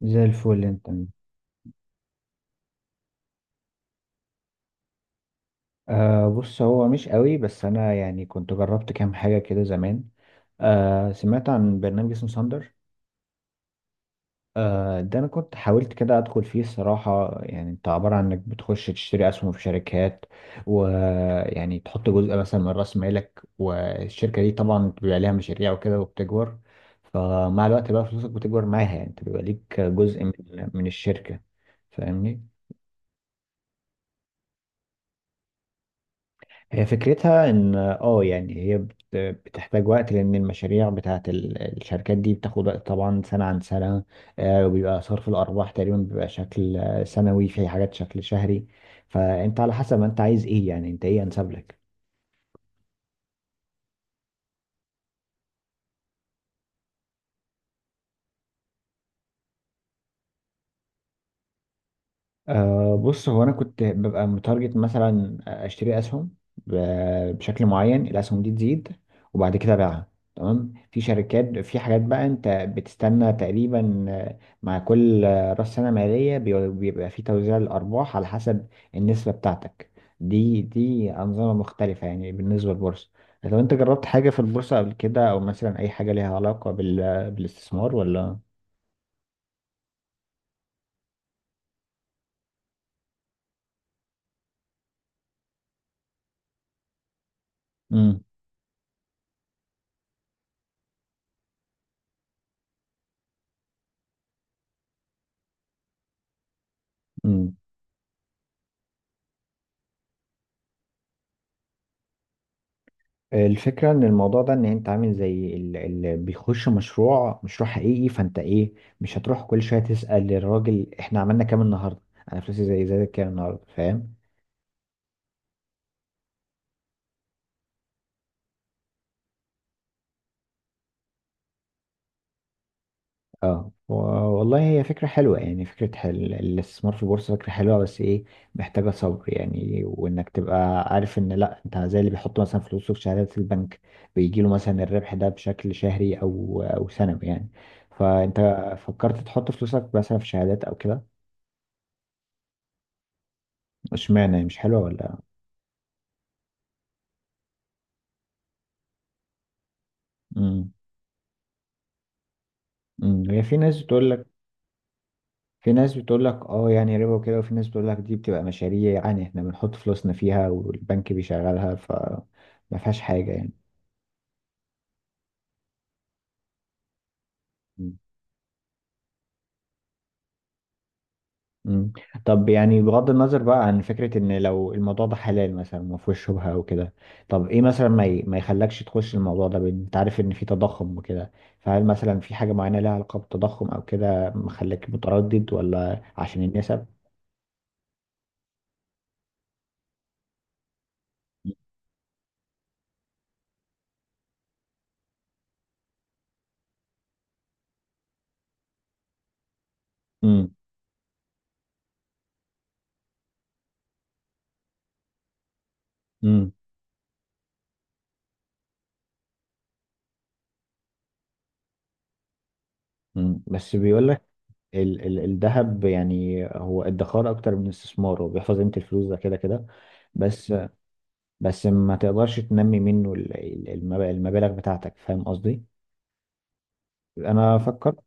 زي الفل انت. بص، هو مش قوي، بس انا يعني كنت جربت كام حاجه كده زمان. سمعت عن برنامج اسمه ساندر. ده انا كنت حاولت كده ادخل فيه الصراحه، يعني انت عباره عن انك بتخش تشتري اسهم في شركات. ويعني تحط جزء مثلا من راس مالك، والشركه دي طبعا بيبقى ليها مشاريع وكده وبتكبر. فمع الوقت بقى فلوسك بتكبر معاها، يعني انت بيبقى ليك جزء من الشركه. فاهمني؟ هي فكرتها ان يعني هي بتحتاج وقت، لان المشاريع بتاعت الشركات دي بتاخد وقت، طبعا سنة عن سنة. وبيبقى صرف الارباح تقريبا بيبقى شكل سنوي، في حاجات شكل شهري. فانت على حسب ما انت عايز ايه، يعني انت ايه انسب لك؟ أه، بص، هو انا كنت ببقى متارجت، مثلا اشتري اسهم بشكل معين. الاسهم دي تزيد وبعد كده ابيعها. تمام. في شركات، في حاجات بقى انت بتستنى تقريبا مع كل راس سنه ماليه، بيبقى في توزيع الارباح على حسب النسبه بتاعتك. دي انظمه مختلفه، يعني بالنسبه للبورصه. لو انت جربت حاجه في البورصه قبل كده، او مثلا اي حاجه ليها علاقه بالاستثمار، ولا؟ امم. امم. الفكرة ان الموضوع ده، ان انت عامل زي اللي بيخش مشروع، مشروع حقيقي، فانت ايه، مش هتروح كل شوية تسأل الراجل احنا عملنا كام النهاردة، انا فلوسي زي كام النهاردة. فاهم؟ اه، والله هي فكرة حلوة، يعني فكرة الاستثمار في البورصة فكرة حلوة، بس ايه، محتاجة صبر يعني. وانك تبقى عارف ان لا، انت زي اللي بيحط مثلا فلوسه في شهادات البنك، بيجيله مثلا الربح ده بشكل شهري او سنوي يعني. فانت فكرت تحط فلوسك مثلا في شهادات او كده؟ اشمعنى، هي مش حلوة ولا؟ امم، امم. هي في ناس بتقول لك، في ناس بتقول لك يعني ربا وكده، وفي ناس بتقول لك دي بتبقى مشاريع، يعني احنا بنحط فلوسنا فيها والبنك بيشغلها، فما فيهاش حاجة يعني. مم. مم. طب، يعني بغض النظر بقى عن فكرة ان لو الموضوع ده حلال مثلا ما فيهوش شبهة او كده، طب ايه مثلا ما يخلكش تخش الموضوع ده، بان انت عارف ان في تضخم وكده؟ فهل مثلا في حاجة معينة لها علاقة بالتضخم او كده مخليك متردد، ولا عشان النسب؟ امم. مم. بس بيقول لك، ال ال الذهب، يعني هو ادخار اكتر من استثمار، هو بيحفظ قيمة الفلوس ده كده كده. بس، بس ما تقدرش تنمي منه المبالغ بتاعتك. فاهم قصدي؟ انا فكرت.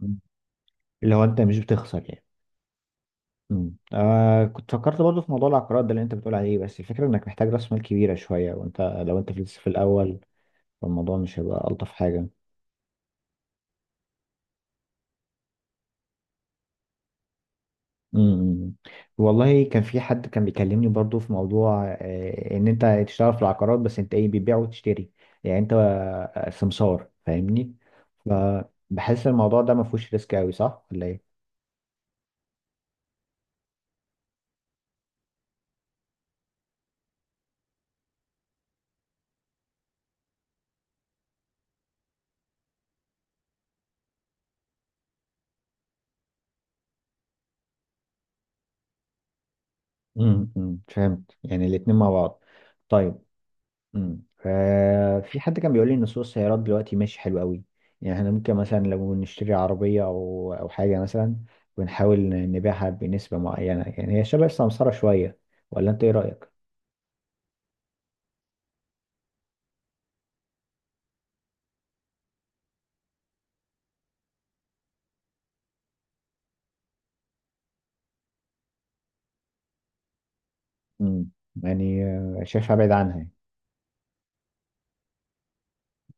مم. اللي هو انت مش بتخسر يعني. مم. آه، كنت فكرت برضه في موضوع العقارات ده اللي انت بتقول عليه، بس الفكرة انك محتاج راس مال كبيرة شوية، وانت، لو انت في لسه في الاول، فالموضوع مش هيبقى الطف حاجة. امم. والله كان في حد كان بيكلمني برضو في موضوع ان انت تشتغل في العقارات، بس انت ايه، بتبيع وتشتري، يعني انت سمسار. فاهمني؟ فبحس الموضوع ده ما فيهوش ريسك قوي، صح ولا ايه؟ امم، فهمت. يعني الاتنين مع بعض. طيب. امم. في حد كان بيقول لي ان سوق السيارات دلوقتي ماشي حلو قوي، يعني احنا ممكن مثلا لو نشتري عربية او حاجة مثلا، ونحاول نبيعها بنسبة معينة، يعني هي شبه السمسرة شوية. ولا انت ايه رأيك؟ مم. يعني شايفها بعيد عنها يعني.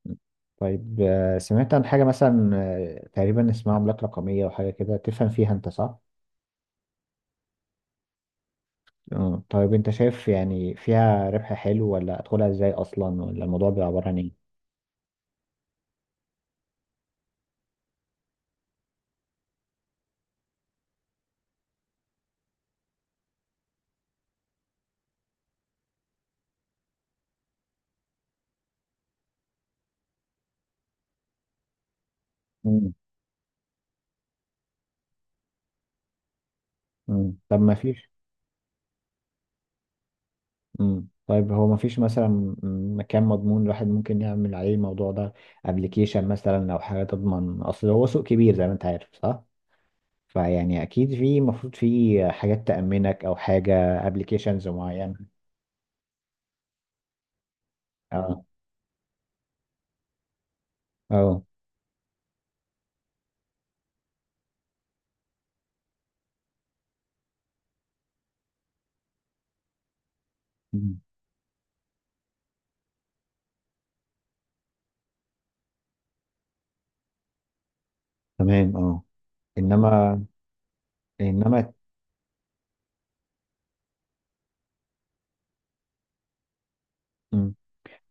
مم. طيب، سمعت عن حاجة مثلا تقريبا اسمها عملات رقمية وحاجة كده. تفهم فيها انت، صح؟ آه. طيب، انت شايف يعني فيها ربح حلو، ولا ادخلها ازاي اصلا، ولا الموضوع بيبقى عبارة عن ايه؟ مم. مم. طب ما فيش. مم. طيب، هو ما فيش مثلا، مكان مضمون الواحد ممكن يعمل عليه الموضوع ده، ابلكيشن مثلا او حاجة تضمن. اصل هو سوق كبير زي ما انت عارف، صح؟ فيعني اكيد في المفروض في حاجات تأمنك، او حاجة، ابلكيشنز معينة. اه، اه. مم. تمام، اه. انما. انما. مم.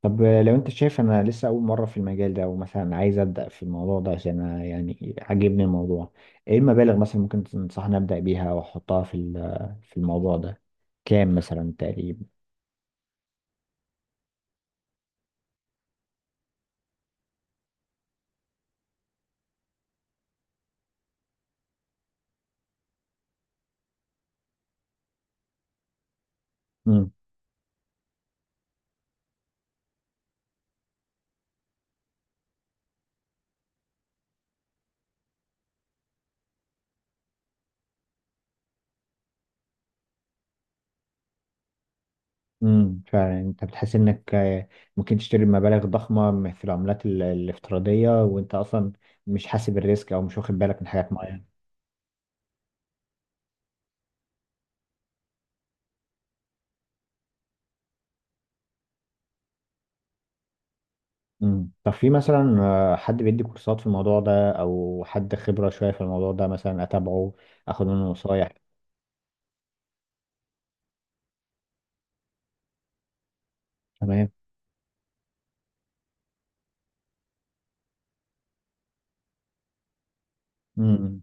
طب، لو انت شايف انا لسه اول مرة في المجال ده، ومثلا عايز ابدأ في الموضوع ده، عشان أنا يعني عاجبني الموضوع، ايه المبالغ مثلا ممكن تنصحني ابدأ بيها واحطها في في الموضوع ده، كام مثلا تقريبا؟ امم، فعلا. انت بتحس انك ممكن تشتري مبالغ ضخمه في العملات الافتراضيه، وانت اصلا مش حاسب الريسك، او مش واخد بالك من حاجات معينه. امم. طب في مثلا حد بيدي كورسات في الموضوع ده، او حد خبره شويه في الموضوع ده مثلا اتابعه، اخد منه نصايح؟ تمام. امم.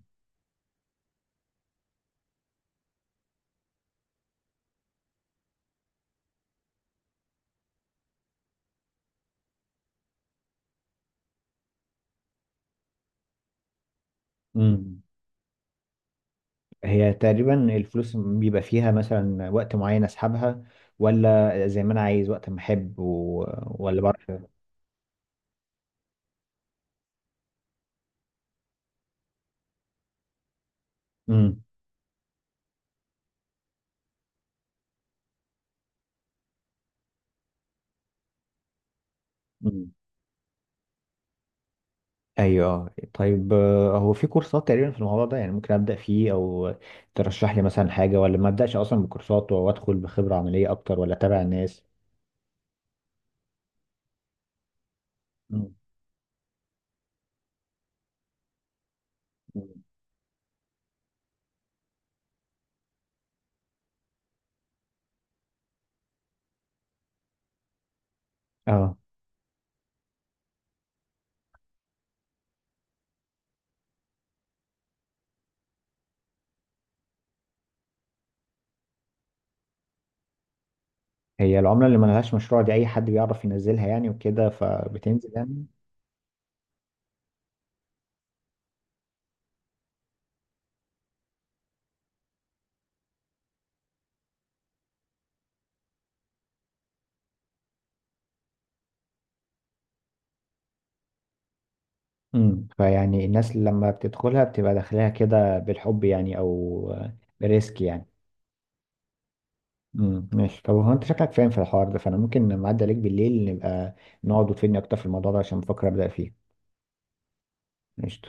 امم. هي تقريبا الفلوس بيبقى فيها مثلا وقت معين اسحبها، ولا زي ما انا عايز وقت ما احب ولا بعرف؟ امم. ايوه. آه. طيب، هو في كورسات تقريبا في الموضوع ده، يعني ممكن ابدا فيه، او ترشح لي مثلا حاجه، ولا ما ابداش اصلا بكورسات وادخل بخبره عمليه اكتر، ولا اتابع الناس؟ مم. مم. اه. هي العمله اللي ما لهاش مشروع دي، اي حد بيعرف ينزلها يعني وكده فبتنزل يعني؟ امم، فيعني الناس لما بتدخلها بتبقى داخلها كده بالحب يعني، او بريسك يعني. امم. ماشي. طب هو انت شكلك فاهم في الحوار ده، فانا ممكن لما اعدي عليك بالليل نبقى نقعد وتفيدني اكتر في الموضوع ده، عشان بفكر ابدا فيه. ماشي.